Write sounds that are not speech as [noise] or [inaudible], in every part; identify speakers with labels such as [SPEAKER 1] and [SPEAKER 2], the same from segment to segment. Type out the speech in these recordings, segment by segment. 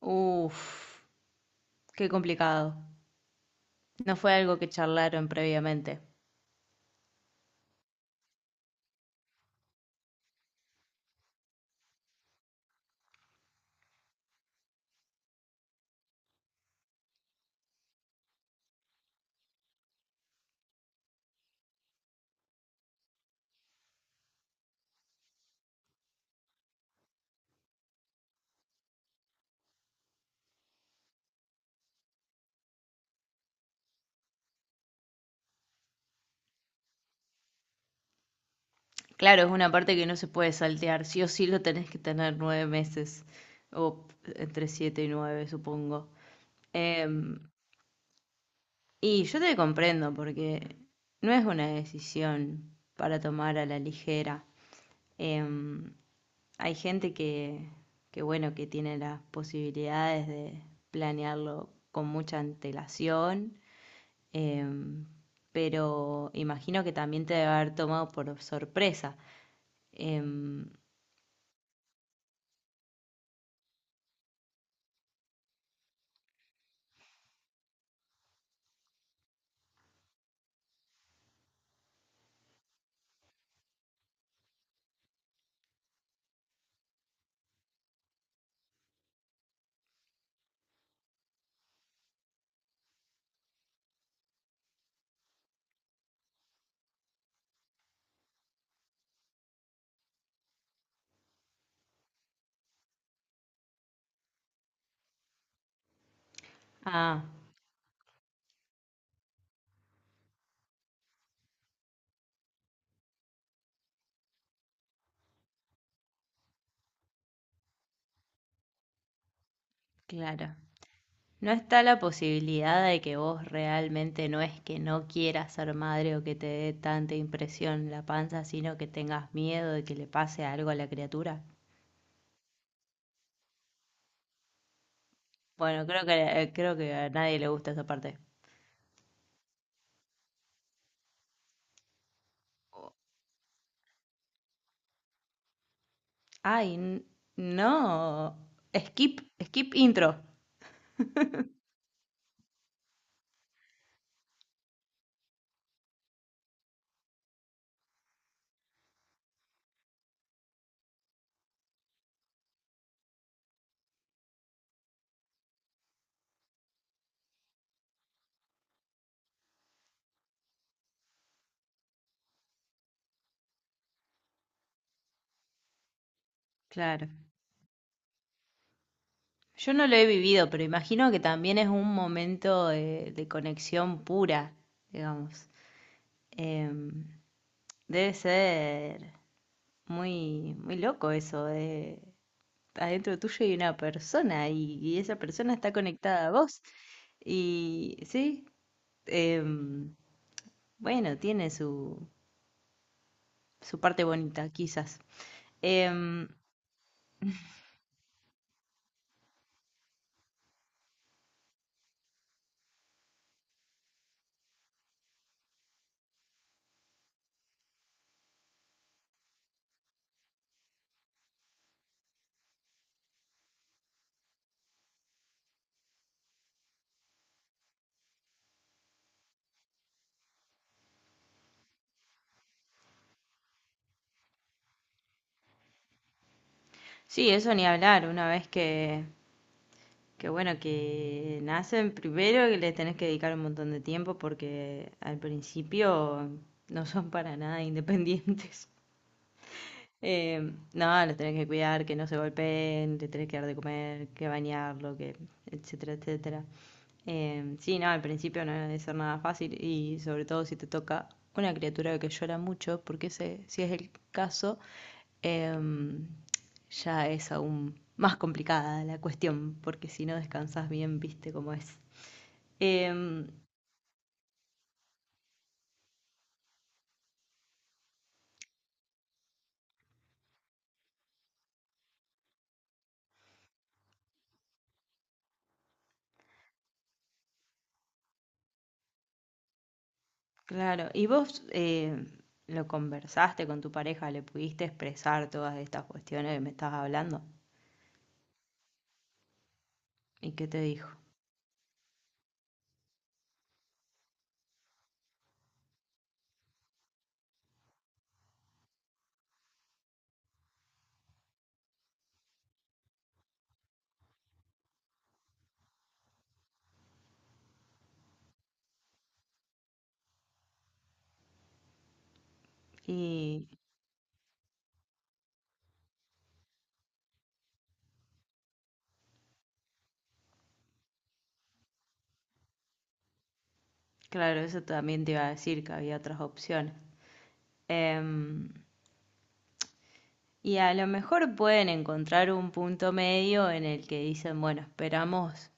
[SPEAKER 1] Uf, qué complicado. No fue algo que charlaron previamente. Claro, es una parte que no se puede saltear. Sí o sí lo tenés que tener 9 meses. O entre 7 y 9, supongo. Em, y yo te comprendo porque no es una decisión para tomar a la ligera. Em, hay gente que, bueno, que tiene las posibilidades de planearlo con mucha antelación. Em, pero imagino que también te debe haber tomado por sorpresa. Em, ah, claro. ¿No está la posibilidad de que vos realmente no es que no quieras ser madre o que te dé tanta impresión la panza, sino que tengas miedo de que le pase algo a la criatura? Bueno, creo que a nadie le gusta esa parte. Ay, no. Skip, skip intro. Claro. Yo no lo he vivido, pero imagino que también es un momento de conexión pura, digamos. Em, debe ser muy, muy loco eso de adentro tuyo hay una persona y esa persona está conectada a vos. Y sí, em, bueno, tiene su parte bonita, quizás. Em, sí, eso ni hablar, una vez que bueno, que nacen primero que les tenés que dedicar un montón de tiempo porque al principio no son para nada independientes. [laughs] Eh, no, los tenés que cuidar, que no se golpeen, les tenés que dar de comer, que bañarlo, que etcétera, etcétera. Sí, no, al principio no debe ser nada fácil y sobre todo si te toca una criatura que llora mucho, porque ese, si es el caso, em, ya es aún más complicada la cuestión, porque si no descansas bien, viste cómo es. Em, claro, ¿y vos lo conversaste con tu pareja? ¿Le pudiste expresar todas estas cuestiones que me estabas hablando? ¿Y qué te dijo? Y claro, eso también te iba a decir que había otras opciones. Em, y a lo mejor pueden encontrar un punto medio en el que dicen, bueno, esperamos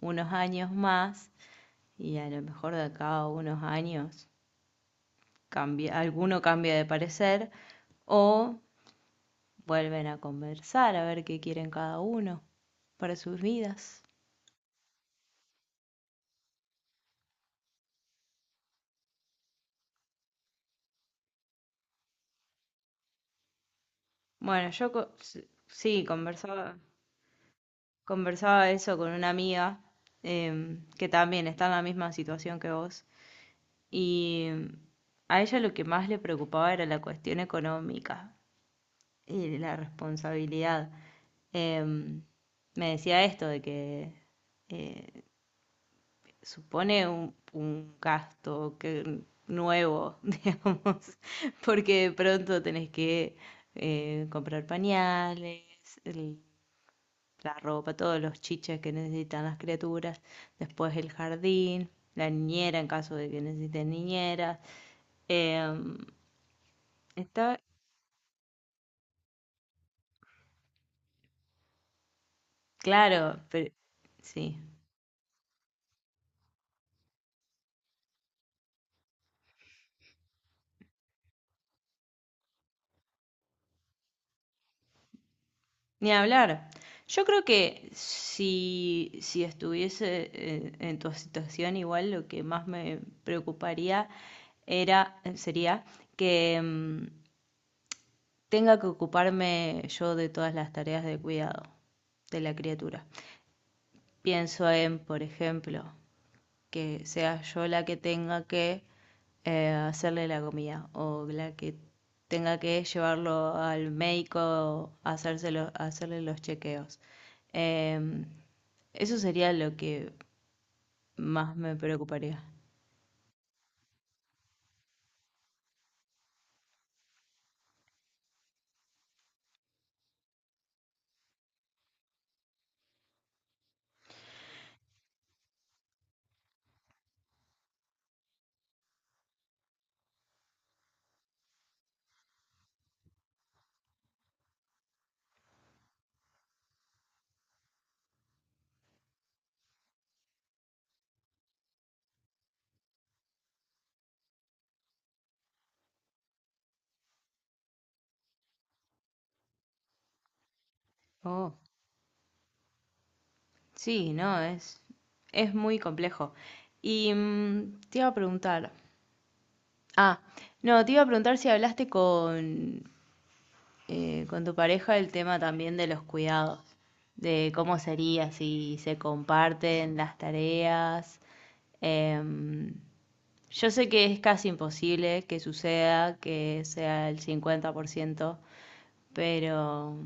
[SPEAKER 1] unos años más y a lo mejor de acá a unos años cambia, alguno cambia de parecer o vuelven a conversar a ver qué quieren cada uno para sus vidas. Bueno, yo sí, conversaba eso con una amiga que también está en la misma situación que vos y a ella lo que más le preocupaba era la cuestión económica y la responsabilidad. Em, me decía esto de que eh, supone un gasto que, nuevo, [laughs] digamos, porque de pronto tenés que comprar pañales, el- la ropa, todos los chiches que necesitan las criaturas, después el jardín, la niñera en caso de que necesiten niñera. Em, está claro, pero sí. Ni hablar. Yo creo que si estuviese en tu situación, igual lo que más me preocuparía sería que tenga que ocuparme yo de todas las tareas de cuidado de la criatura. Pienso en, por ejemplo, que sea yo la que tenga que hacerle la comida o la que tenga que llevarlo al médico a hacerle los chequeos. Em, eso sería lo que más me preocuparía. Oh, sí, no, es muy complejo. Y te iba a preguntar, ah, no, te iba a preguntar si hablaste con tu pareja el tema también de los cuidados, de cómo sería si se comparten las tareas. Em, yo sé que es casi imposible que suceda, que sea el 50%, pero,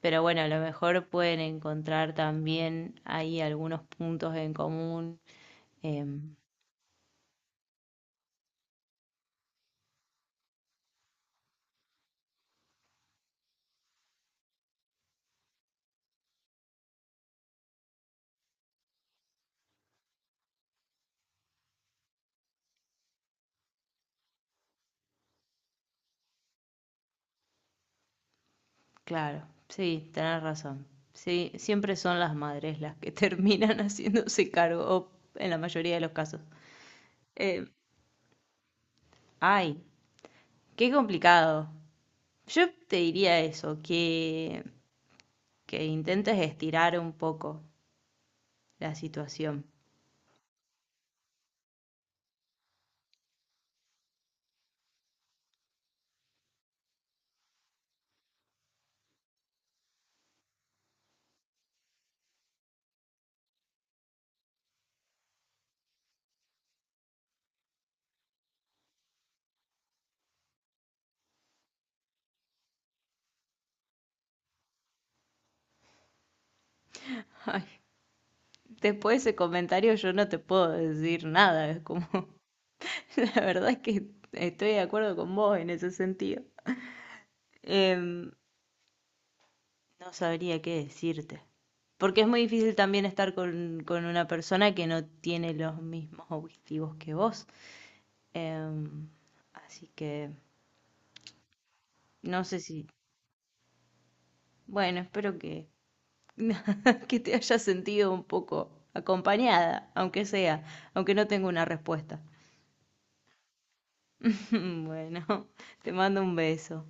[SPEAKER 1] pero bueno, a lo mejor pueden encontrar también ahí algunos puntos en común. Em, claro, sí, tenés razón. Sí, siempre son las madres las que [laughs] terminan haciéndose cargo, o en la mayoría de los casos. Eh, ay, qué complicado. Yo te diría eso, que intentes estirar un poco la situación. Ay, después de ese comentario yo no te puedo decir nada, es como, [laughs] la verdad es que estoy de acuerdo con vos en ese sentido. Em, no sabría qué decirte, porque es muy difícil también estar con una persona que no tiene los mismos objetivos que vos. Em, así que no sé si, bueno, espero que [laughs] Que te haya sentido un poco acompañada, aunque sea, aunque no tengo una respuesta. [laughs] Bueno, te mando un beso.